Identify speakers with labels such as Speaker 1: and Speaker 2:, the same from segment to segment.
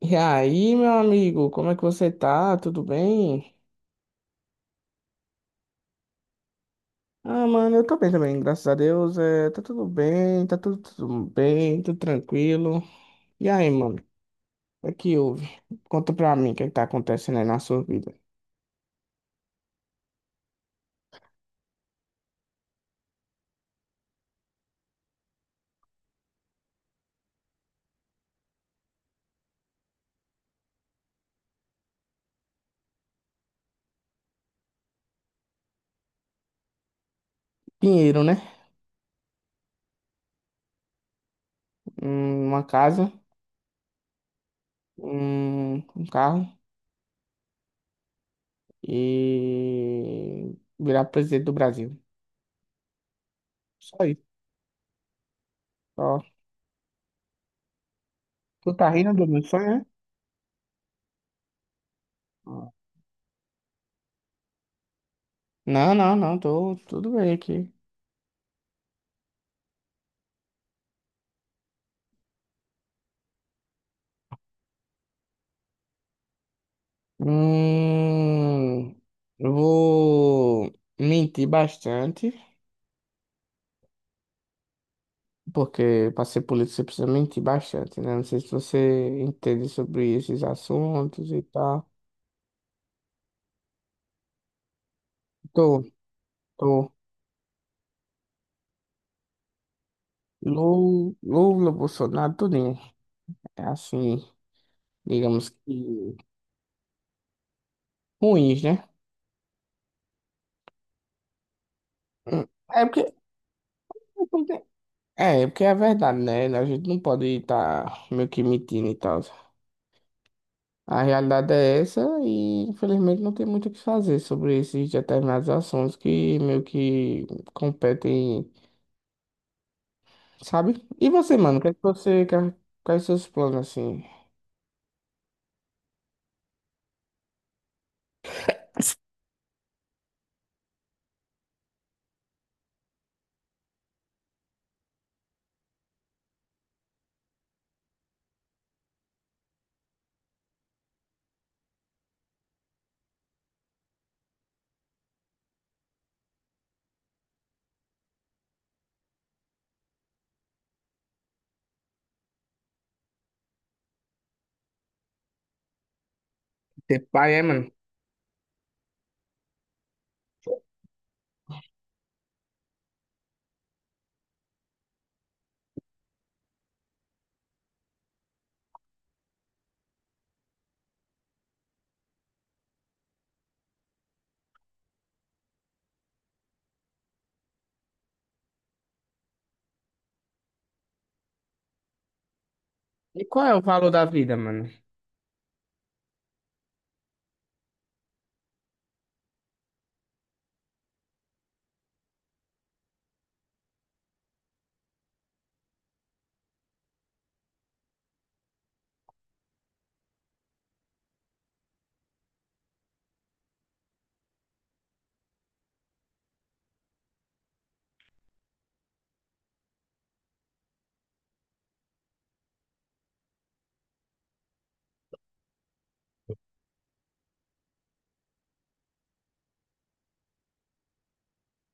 Speaker 1: E aí, meu amigo, como é que você tá? Tudo bem? Ah, mano, eu tô bem também, graças a Deus. É, tá tudo bem, tá tudo bem, tudo tranquilo. E aí, mano, o que que houve? Conta pra mim o que é que tá acontecendo aí na sua vida. Dinheiro, né? Uma casa, um carro e virar presidente do Brasil. Só isso, só. Tu tá rindo do meu sonho, né? Não, não, não, tô tudo bem aqui. Hum, eu vou mentir bastante, porque para ser político você precisa mentir bastante, né? Não sei se você entende sobre esses assuntos e tal. Tô, tô. Lula, Lula, Bolsonaro, tudinho. É assim, digamos que ruins, né? Hum, É porque, é, porque É porque é verdade, né? A gente não pode estar meio que mentindo e tal. A realidade é essa e infelizmente não tem muito o que fazer sobre esses determinados assuntos que meio que competem, sabe? E você, mano, o que é que você quer, quais seus planos assim? Ter pai, é, mano? E qual é o valor da vida, mano?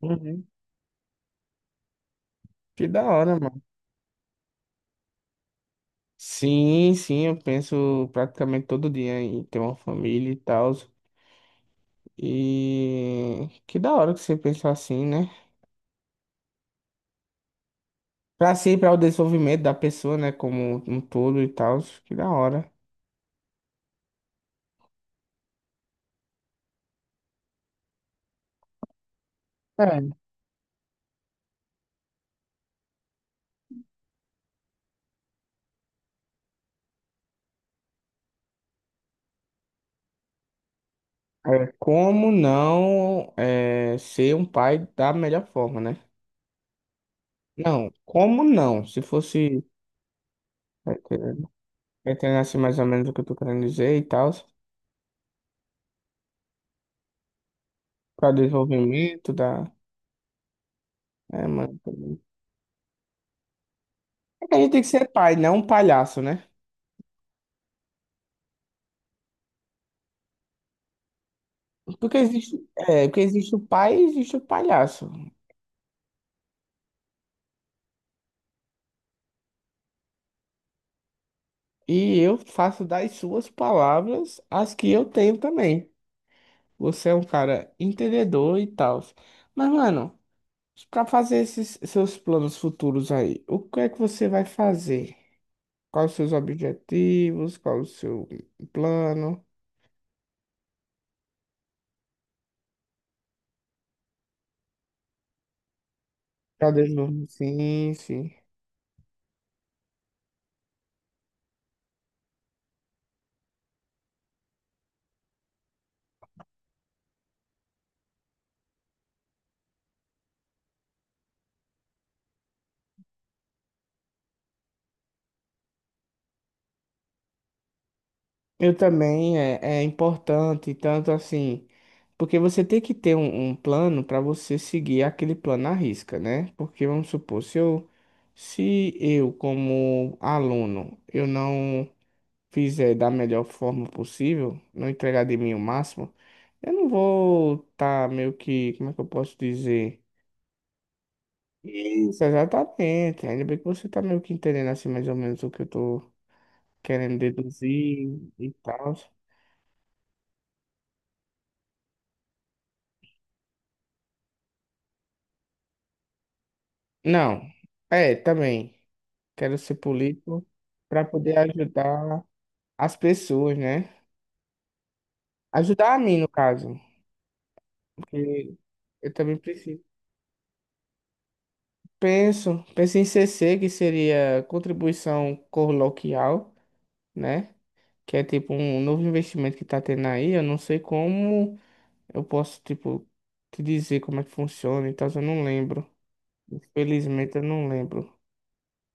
Speaker 1: Uhum. Que da hora, mano. Sim, sim, eu penso praticamente todo dia em ter uma família e tal. E que da hora que você pensa assim, né? Pra si, pra o desenvolvimento da pessoa, né? Como um todo e tal. Que da hora. É, Como não é, ser um pai da melhor forma, né? Não, como não? Se fosse é, entendendo assim mais ou menos o que eu tô querendo dizer e tal, para desenvolvimento da. É, mano. É que a gente tem que ser pai, não um palhaço, né? Porque existe, porque existe o pai e existe o palhaço. E eu faço das suas palavras as que eu tenho também. Você é um cara entendedor e tal. Mas, mano. Para fazer esses seus planos futuros aí, o que é que você vai fazer? Quais os seus objetivos? Qual o seu plano? Já desenvolveu? Sim, sim. Eu também é, é importante, tanto assim, porque você tem que ter um plano para você seguir aquele plano à risca, né? Porque vamos supor, se eu como aluno, eu não fizer da melhor forma possível, não entregar de mim o máximo, eu não vou estar meio que, como é que eu posso dizer? Isso, exatamente. Ainda bem que você tá meio que entendendo assim mais ou menos o que eu tô querendo deduzir e tal. Não, é, também. Quero ser político para poder ajudar as pessoas, né? Ajudar a mim, no caso, porque eu também preciso. Penso, penso em CC, que seria contribuição coloquial, né? Que é tipo um novo investimento que tá tendo aí. Eu não sei como eu posso, tipo, te dizer como é que funciona e tal. Eu não lembro. Infelizmente eu não lembro.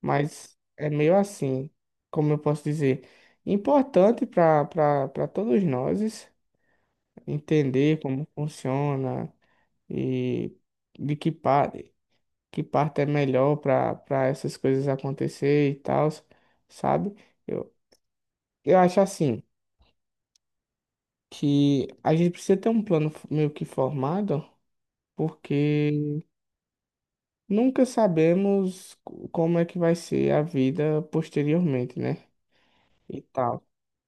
Speaker 1: Mas é meio assim, como eu posso dizer, importante para todos nós entender como funciona e de que parte é melhor para essas coisas acontecer e tal, sabe? Eu, eu acho assim. Que a gente precisa ter um plano f- meio que formado, porque nunca sabemos co- como é que vai ser a vida posteriormente, né? E tal.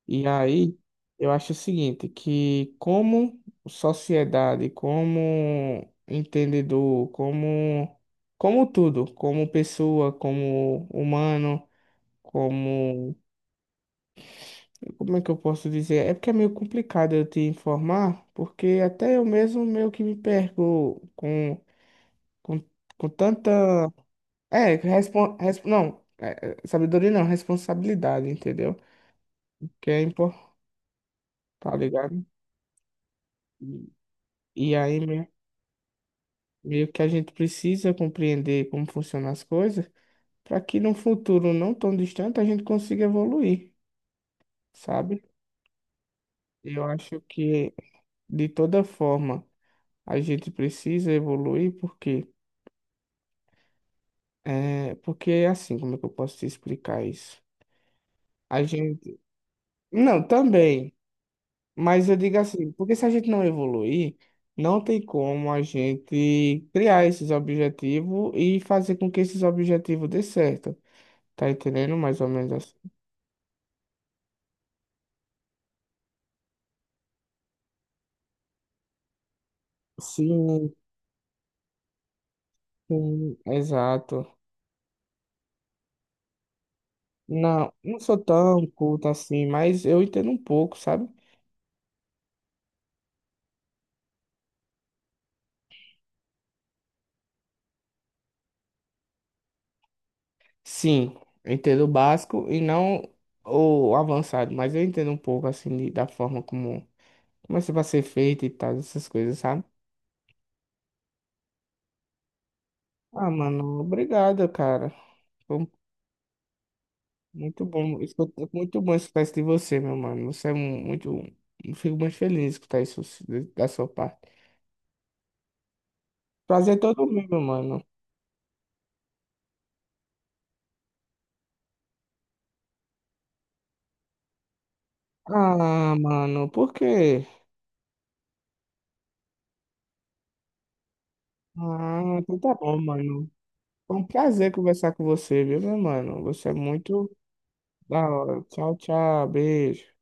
Speaker 1: E aí, eu acho o seguinte, que como sociedade, como entendedor, como tudo, como pessoa, como humano, como é que eu posso dizer? É porque é meio complicado eu te informar, porque até eu mesmo meio que me perco com, com tanta. É, respon... res- não, é, é, sabedoria não, responsabilidade, entendeu? Que é importante, tá ligado? E, e aí me- meio que a gente precisa compreender como funcionam as coisas para que num futuro não tão distante a gente consiga evoluir, sabe? Eu acho que de toda forma a gente precisa evoluir porque é assim, como é que eu posso te explicar isso? A gente. Não, também. Mas eu digo assim, porque se a gente não evoluir, não tem como a gente criar esses objetivos e fazer com que esses objetivos dê certo. Tá entendendo mais ou menos assim? Sim, sim, exato. Não, não sou tão culto assim, mas eu entendo um pouco, sabe? Sim, eu entendo o básico e não o avançado, mas eu entendo um pouco assim de- da forma como, como isso vai ser feito e tal, essas coisas, sabe? Ah, mano, obrigado, cara. Foi muito bom, escutar- muito bom escutar isso de você, meu mano. Você é um- muito. Eu fico muito feliz de escutar isso de- da sua parte. Prazer é todo meu, meu mano. Ah, mano, por quê? Ah, então tá bom, mano. Foi um prazer conversar com você, viu, meu mano? Você é muito da hora. Tchau, tchau. Beijo.